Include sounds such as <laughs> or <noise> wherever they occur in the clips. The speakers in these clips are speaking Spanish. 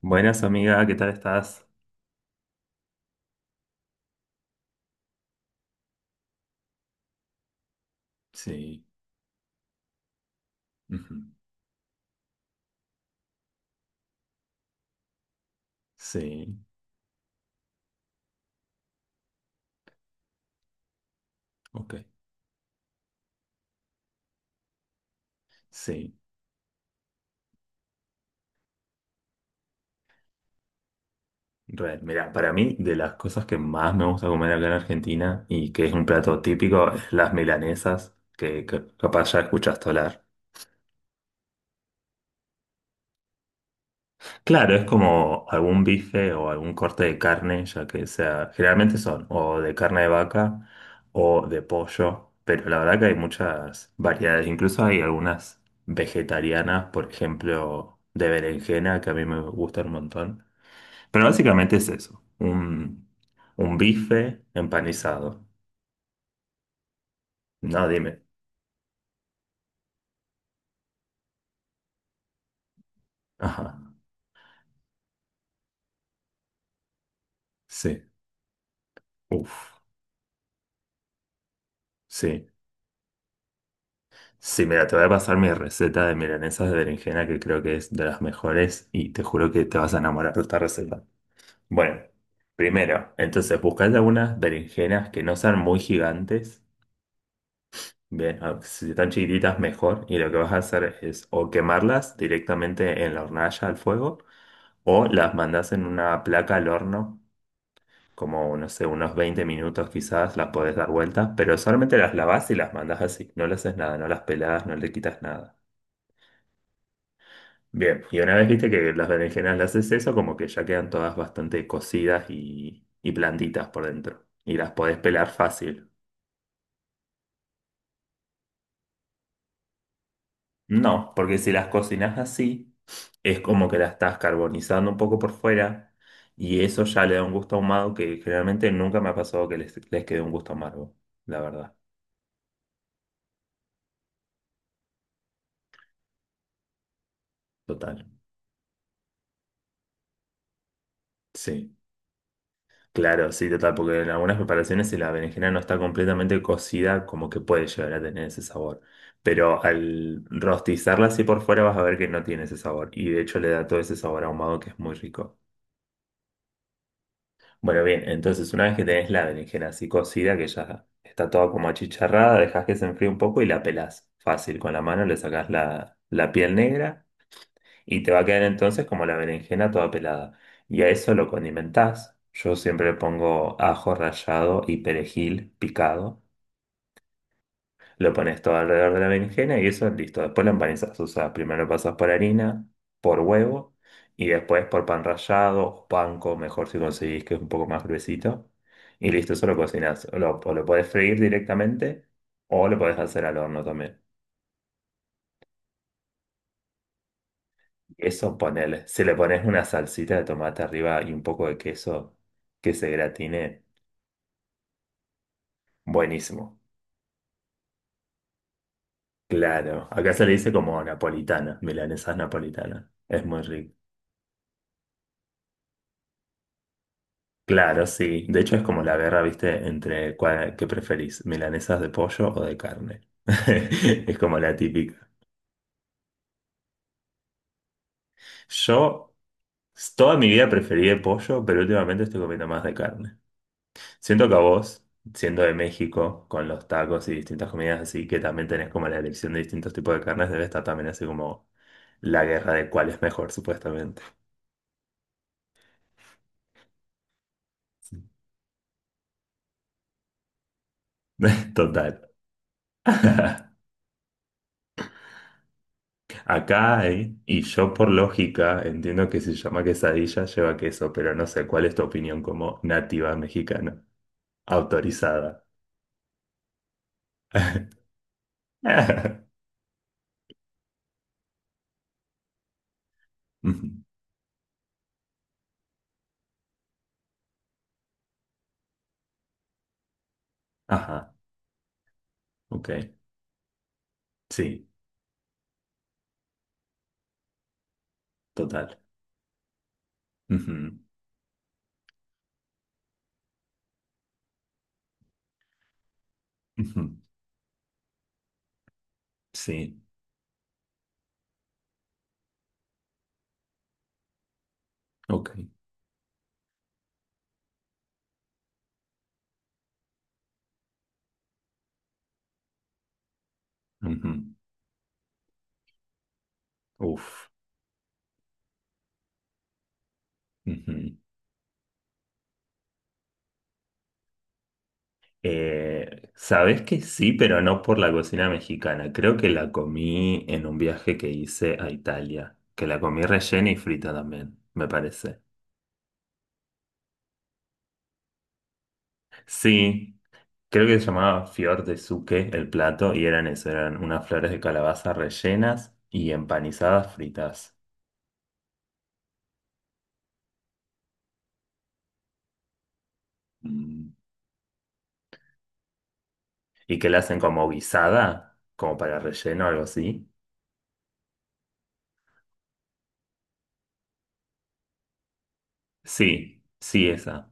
Buenas, amiga, ¿qué tal estás? Sí, ujú, sí, ok, sí. Real. Mira, para mí, de las cosas que más me gusta comer acá en Argentina y que es un plato típico, es las milanesas, que capaz ya escuchaste hablar. Claro, es como algún bife o algún corte de carne, ya que sea, generalmente son o de carne de vaca o de pollo, pero la verdad que hay muchas variedades, incluso hay algunas vegetarianas, por ejemplo, de berenjena, que a mí me gustan un montón. Pero básicamente es eso, un bife empanizado. No, dime. Ajá, sí, uf, sí. Sí, mira, te voy a pasar mi receta de milanesas de berenjena que creo que es de las mejores y te juro que te vas a enamorar de esta receta. Bueno, primero, entonces buscás algunas berenjenas que no sean muy gigantes, bien, si están chiquititas mejor y lo que vas a hacer es o quemarlas directamente en la hornalla al fuego o las mandas en una placa al horno, como no sé, unos 20 minutos quizás las podés dar vueltas, pero solamente las lavas y las mandas así, no le haces nada, no las peladas no le quitas nada. Bien, y una vez viste que las berenjenas las haces eso, como que ya quedan todas bastante cocidas y blanditas por dentro. Y las podés pelar fácil. No, porque si las cocinas así, es como que las estás carbonizando un poco por fuera y eso ya le da un gusto ahumado que generalmente nunca me ha pasado que les quede un gusto amargo, la verdad. Total. Sí. Claro, sí, total, porque en algunas preparaciones si la berenjena no está completamente cocida, como que puede llegar a tener ese sabor. Pero al rostizarla así por fuera vas a ver que no tiene ese sabor. Y de hecho le da todo ese sabor ahumado que es muy rico. Bueno, bien, entonces una vez que tenés la berenjena así cocida, que ya está toda como achicharrada, dejás que se enfríe un poco y la pelás. Fácil, con la mano le sacás la piel negra. Y te va a quedar entonces como la berenjena toda pelada. Y a eso lo condimentás. Yo siempre le pongo ajo rallado y perejil picado. Lo pones todo alrededor de la berenjena y eso listo. Después lo empanizás. O sea, primero lo pasas por harina, por huevo y después por pan rallado o panko, mejor si conseguís que es un poco más gruesito. Y listo, eso lo cocinás. O lo podés freír directamente o lo podés hacer al horno también. Eso ponele. Si le pones una salsita de tomate arriba y un poco de queso que se gratine, buenísimo. Claro, acá se le dice como napolitana, milanesas napolitanas. Es muy rico. Claro, sí. De hecho es como la guerra, ¿viste? Entre cuál, qué preferís, milanesas de pollo o de carne. <laughs> Es como la típica. Yo toda mi vida preferí de pollo, pero últimamente estoy comiendo más de carne. Siento que a vos, siendo de México, con los tacos y distintas comidas así, que también tenés como la elección de distintos tipos de carnes, debe estar también así como la guerra de cuál es mejor, supuestamente. Sí. <laughs> Total. <laughs> Acá hay, y yo por lógica entiendo que si se llama quesadilla lleva queso, pero no sé cuál es tu opinión como nativa mexicana, autorizada. <laughs> Ujú. Ajá, ok. Sí, total. Ujú, ujú, sí, ok. Ujú. Uf. Ujú. Sabes que sí, pero no por la cocina mexicana. Creo que la comí en un viaje que hice a Italia, que la comí rellena y frita también, me parece. Sí, creo que se llamaba fior de suque el plato y eran eso, eran unas flores de calabaza rellenas y empanizadas fritas. Mm. ¿Y que la hacen como guisada? ¿Como para relleno o algo así? Sí, sí, esa.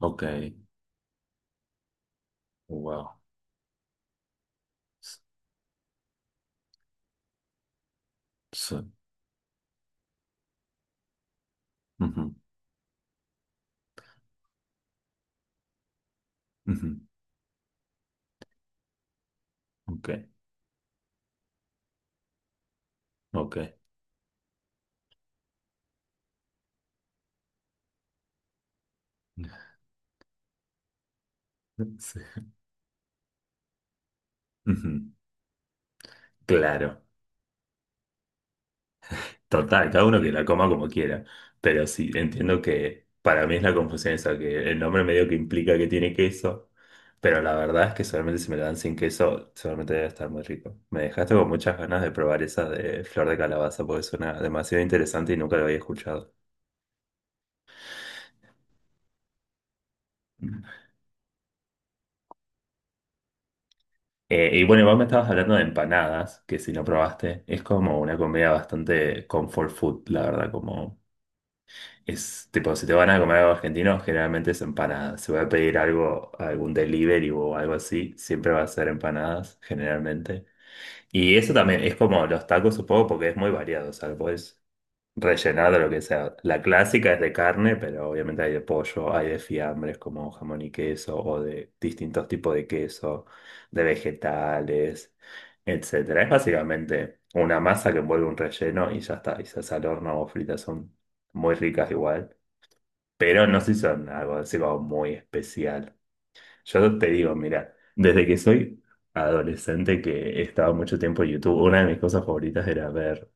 Ok. Wow. S- s- ujú, ujú. Ok, ok. <laughs> Sí. Ujú, claro, total, cada uno que la coma como quiera, pero sí, entiendo que para mí es la confusión esa, que el nombre medio que implica que tiene queso, pero la verdad es que solamente si me lo dan sin queso, seguramente debe estar muy rico. Me dejaste con muchas ganas de probar esa de flor de calabaza, porque suena demasiado interesante y nunca lo había escuchado. Y bueno, vos me estabas hablando de empanadas, que si no probaste, es como una comida bastante comfort food, la verdad, como es tipo, si te van a comer algo argentino, generalmente es empanada. Si voy a pedir algo, algún delivery o algo así, siempre va a ser empanadas, generalmente. Y eso también es como los tacos, supongo, porque es muy variado. O sea, lo puedes rellenar de lo que sea. La clásica es de carne, pero obviamente hay de pollo, hay de fiambres como jamón y queso, o de distintos tipos de queso, de vegetales, etcétera. Es básicamente una masa que envuelve un relleno y ya está. Y se hace al horno o fritas, son muy ricas igual pero no se hizo algo así como muy especial. Yo te digo, mira, desde que soy adolescente que he estado mucho tiempo en YouTube, una de mis cosas favoritas era ver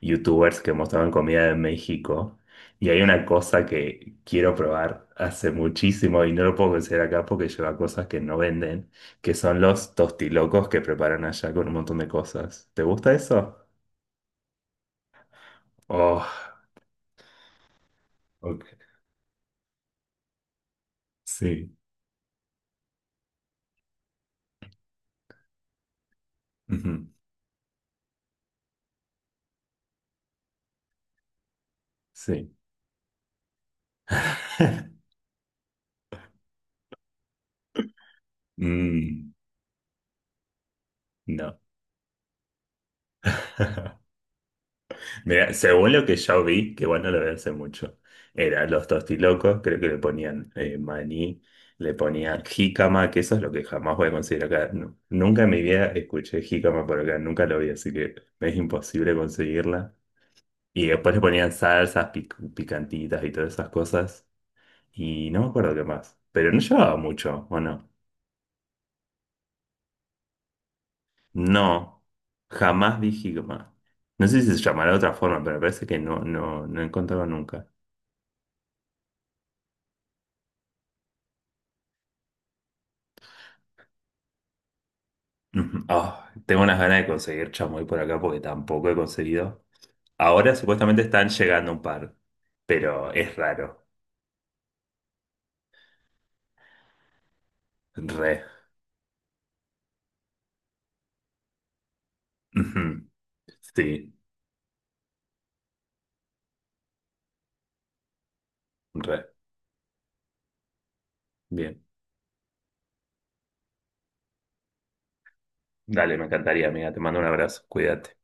YouTubers que mostraban comida de México. Y hay una cosa que quiero probar hace muchísimo y no lo puedo conseguir acá porque lleva cosas que no venden, que son los tostilocos que preparan allá con un montón de cosas. ¿Te gusta eso? Oh, ok. Sí. Ujú. Sí. <laughs> Mm, no. <laughs> Mira, según lo que yo vi, que bueno, lo vi hace mucho, eran los tostilocos, creo que le ponían maní, le ponían jícama, que eso es lo que jamás voy a conseguir acá. Nunca en mi vida escuché jícama por acá, nunca lo vi, así que es imposible conseguirla. Y después le ponían salsas picantitas y todas esas cosas, y no me acuerdo qué más, pero no llevaba mucho, ¿o no? No, jamás vi jícama. No sé si se llamará de otra forma, pero me parece que no he encontrado. <laughs> Ujú. Ah, tengo unas ganas de conseguir chamoy por acá porque tampoco he conseguido. Ahora supuestamente están llegando un par, pero es raro. Re. <laughs> Ujú. Sí, re. Bien. Dale, me encantaría, amiga. Te mando un abrazo. Cuídate.